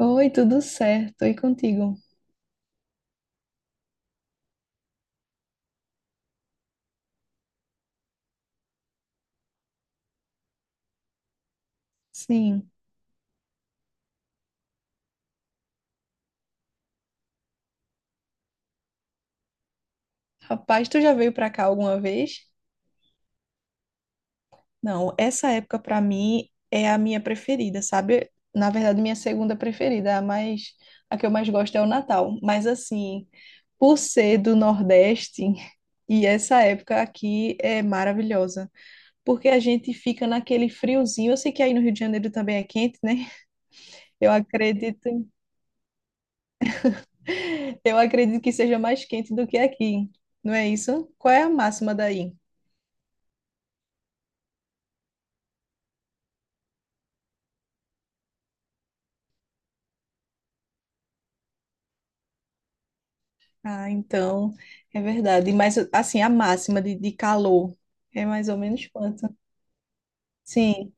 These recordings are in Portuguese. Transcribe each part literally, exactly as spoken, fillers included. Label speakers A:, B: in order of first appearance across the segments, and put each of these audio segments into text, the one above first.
A: Oi, tudo certo? E contigo? Sim. Rapaz, tu já veio pra cá alguma vez? Não, essa época pra mim é a minha preferida, sabe? Na verdade, minha segunda preferida, a mais a que eu mais gosto é o Natal, mas assim, por ser do Nordeste, e essa época aqui é maravilhosa, porque a gente fica naquele friozinho. Eu sei que aí no Rio de Janeiro também é quente, né? Eu acredito, eu acredito que seja mais quente do que aqui. Não é isso? Qual é a máxima daí? Ah, então, é verdade. Mas, assim, a máxima de, de calor é mais ou menos quanto? Sim,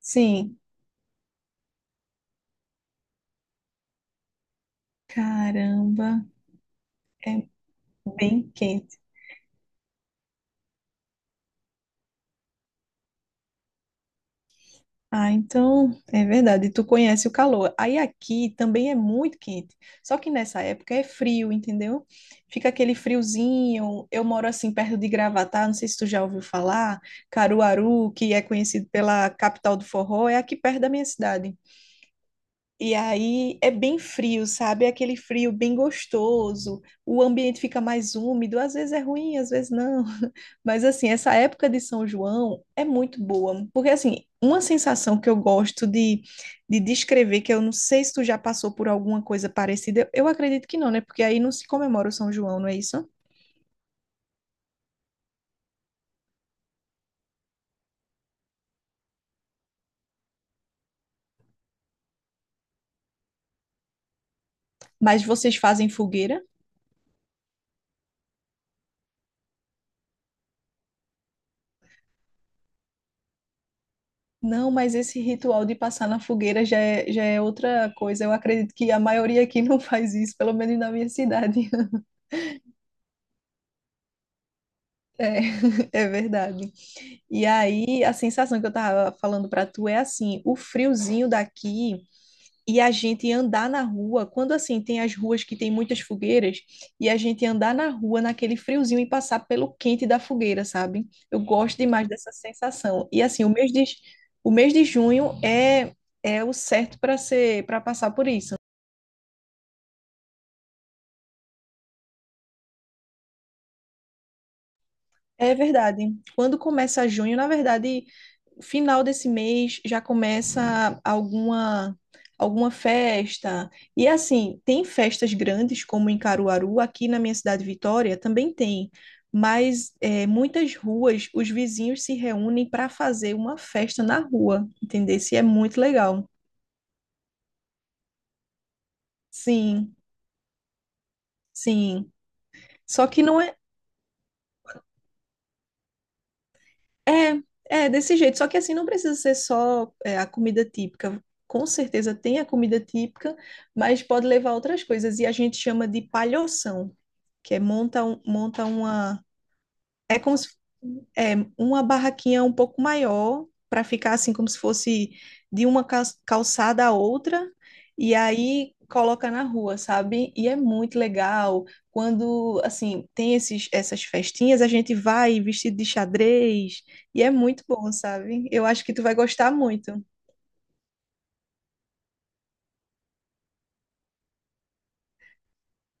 A: sim. Caramba, é bem quente. Ah, então, é verdade. Tu conhece o calor. Aí aqui também é muito quente. Só que nessa época é frio, entendeu? Fica aquele friozinho. Eu moro assim perto de Gravatá, não sei se tu já ouviu falar. Caruaru, que é conhecido pela capital do forró, é aqui perto da minha cidade. E aí é bem frio, sabe? É aquele frio bem gostoso. O ambiente fica mais úmido, às vezes é ruim, às vezes não. Mas assim, essa época de São João é muito boa, porque assim, uma sensação que eu gosto de, de descrever, que eu não sei se tu já passou por alguma coisa parecida, eu acredito que não, né? Porque aí não se comemora o São João, não é isso? Mas vocês fazem fogueira? Não, mas esse ritual de passar na fogueira já é, já é outra coisa. Eu acredito que a maioria aqui não faz isso, pelo menos na minha cidade. É, é verdade. E aí, a sensação que eu tava falando pra tu é assim, o friozinho daqui e a gente andar na rua, quando assim tem as ruas que tem muitas fogueiras, e a gente andar na rua naquele friozinho e passar pelo quente da fogueira, sabe? Eu gosto demais dessa sensação. E assim, o mês de, o mês de junho é, é o certo para ser, para passar por isso. É verdade. Quando começa junho, na verdade, final desse mês já começa alguma alguma festa. E assim, tem festas grandes como em Caruaru. Aqui na minha cidade Vitória também tem. Mas é, muitas ruas, os vizinhos se reúnem para fazer uma festa na rua, entendeu? Se é muito legal. Sim, sim. Só que não é. É, é desse jeito. Só que assim não precisa ser só é, a comida típica. Com certeza tem a comida típica, mas pode levar outras coisas. E a gente chama de palhoção, que é monta, um- monta uma, é como se é, uma barraquinha um pouco maior, para ficar assim, como se fosse de uma cal- calçada a outra, e aí coloca na rua, sabe? E é muito legal. Quando, assim, tem esses, essas festinhas, a gente vai vestido de xadrez, e é muito bom, sabe? Eu acho que tu vai gostar muito.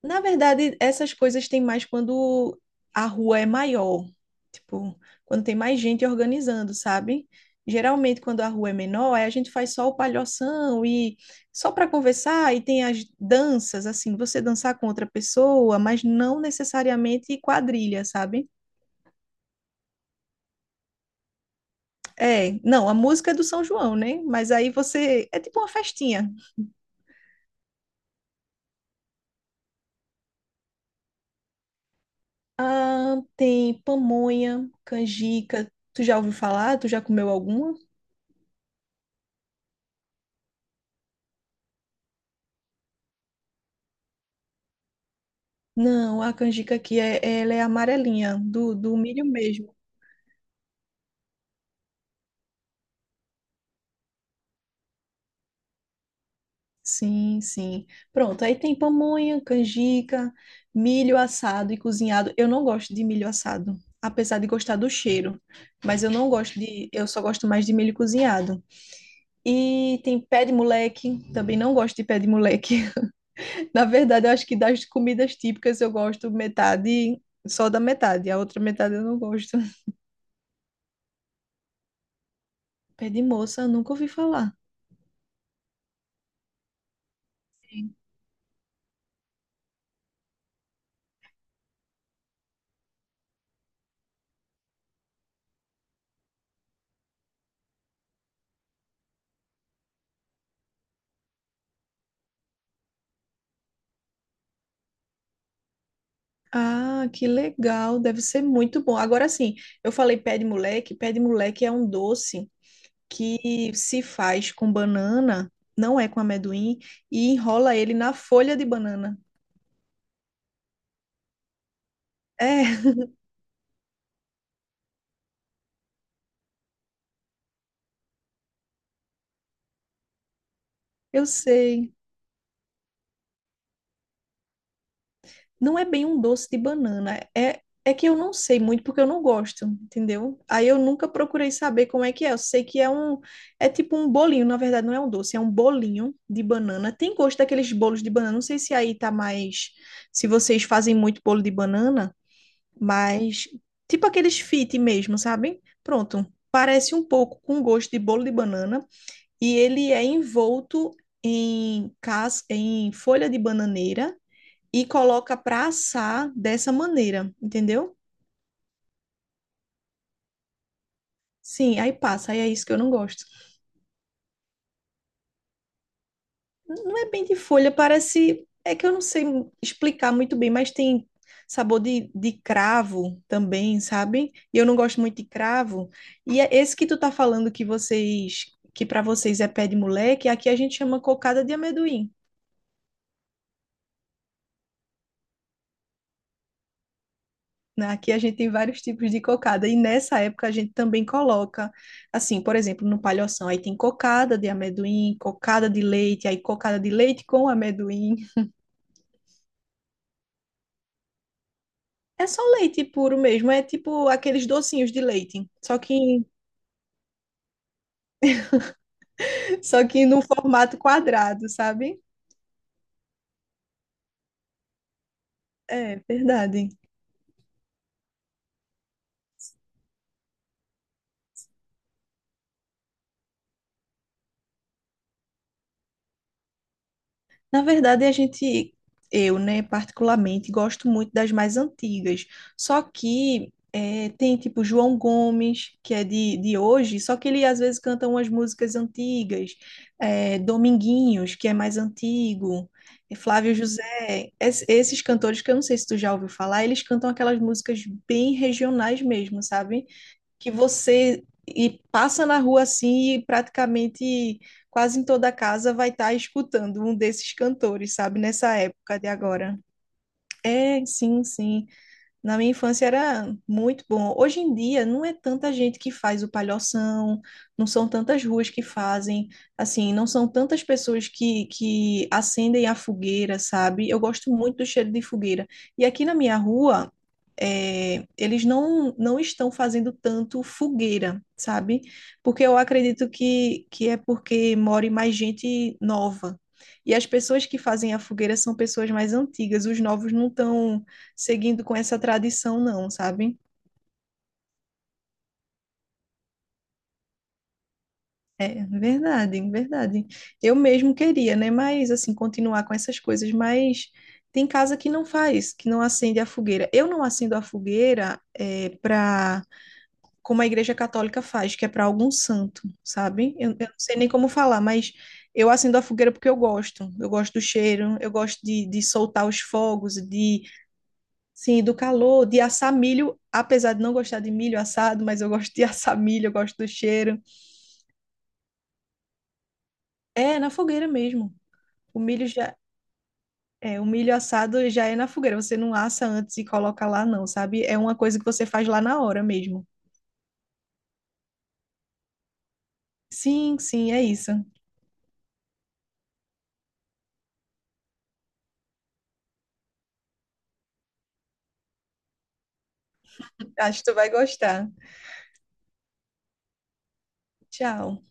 A: Na verdade, essas coisas tem mais quando a rua é maior, tipo, quando tem mais gente organizando, sabe? Geralmente, quando a rua é menor, aí a gente faz só o palhoção e só para conversar, e tem as danças, assim, você dançar com outra pessoa, mas não necessariamente quadrilha, sabe? É, não, a música é do São João, né? Mas aí você. É tipo uma festinha. Ah, tem pamonha, canjica. Tu já ouviu falar? Tu já comeu alguma? Não, a canjica aqui é, ela é amarelinha, do, do milho mesmo. Sim, sim. Pronto, aí tem pamonha, canjica, milho assado e cozinhado. Eu não gosto de milho assado, apesar de gostar do cheiro, mas eu não gosto de, eu só gosto mais de milho cozinhado. E tem pé de moleque, também não gosto de pé de moleque. Na verdade, eu acho que das comidas típicas eu gosto metade, só da metade, a outra metade eu não gosto. Pé de moça, eu nunca ouvi falar. Ah, que legal, deve ser muito bom. Agora sim, eu falei pé de moleque, pé de moleque é um doce que se faz com banana, não é com amendoim, e enrola ele na folha de banana. É, eu sei. Não é bem um doce de banana. É, é que eu não sei muito porque eu não gosto, entendeu? Aí eu nunca procurei saber como é que é. Eu sei que é um, é tipo um bolinho, na verdade não é um doce, é um bolinho de banana. Tem gosto daqueles bolos de banana. Não sei se aí tá mais, se vocês fazem muito bolo de banana, mas tipo aqueles fit mesmo, sabe? Pronto. Parece um pouco com gosto de bolo de banana e ele é envolto em cas... em folha de bananeira e coloca pra assar dessa maneira, entendeu? Sim, aí passa, aí é isso que eu não gosto. Não é bem de folha, parece. É que eu não sei explicar muito bem, mas tem sabor de, de cravo também, sabe? E eu não gosto muito de cravo. E é esse que tu tá falando que vocês, que pra vocês é pé de moleque, aqui a gente chama cocada de amendoim. Né? Aqui a gente tem vários tipos de cocada, e nessa época a gente também coloca, assim, por exemplo, no palhoção, aí tem cocada de amendoim, cocada de leite, aí cocada de leite com amendoim. É só leite puro mesmo, é tipo aqueles docinhos de leite, só que, só que no formato quadrado, sabe? É, verdade. Na verdade, a gente, eu, né, particularmente, gosto muito das mais antigas. Só que é, tem tipo João Gomes, que é de, de hoje, só que ele às vezes canta umas músicas antigas, é, Dominguinhos, que é mais antigo, e Flávio José, Es- esses cantores que eu não sei se tu já ouviu falar, eles cantam aquelas músicas bem regionais mesmo, sabe? Que você e passa na rua assim e praticamente quase em toda casa vai estar escutando um desses cantores, sabe, nessa época de agora. É, sim, sim. Na minha infância era muito bom. Hoje em dia não é tanta gente que faz o palhoção, não são tantas ruas que fazem, assim, não são tantas pessoas que, que acendem a fogueira, sabe? Eu gosto muito do cheiro de fogueira. E aqui na minha rua, é, eles não, não estão fazendo tanto fogueira, sabe? Porque eu acredito que, que é porque more mais gente nova. E as pessoas que fazem a fogueira são pessoas mais antigas, os novos não estão seguindo com essa tradição, não, sabe? É, verdade, verdade. Eu mesmo queria, né? Mas, assim, continuar com essas coisas, mas tem casa que não faz, que não acende a fogueira. Eu não acendo a fogueira é, para como a Igreja Católica faz, que é para algum santo, sabe? Eu, eu não sei nem como falar, mas eu acendo a fogueira porque eu gosto. Eu gosto do cheiro, eu gosto de, de soltar os fogos, de Sim, do calor, de assar milho, apesar de não gostar de milho assado, mas eu gosto de assar milho, eu gosto do cheiro. É, na fogueira mesmo. O milho já é, o milho assado já é na fogueira, você não assa antes e coloca lá não, sabe? É uma coisa que você faz lá na hora mesmo. Sim, sim, é isso. Acho que tu vai gostar. Tchau.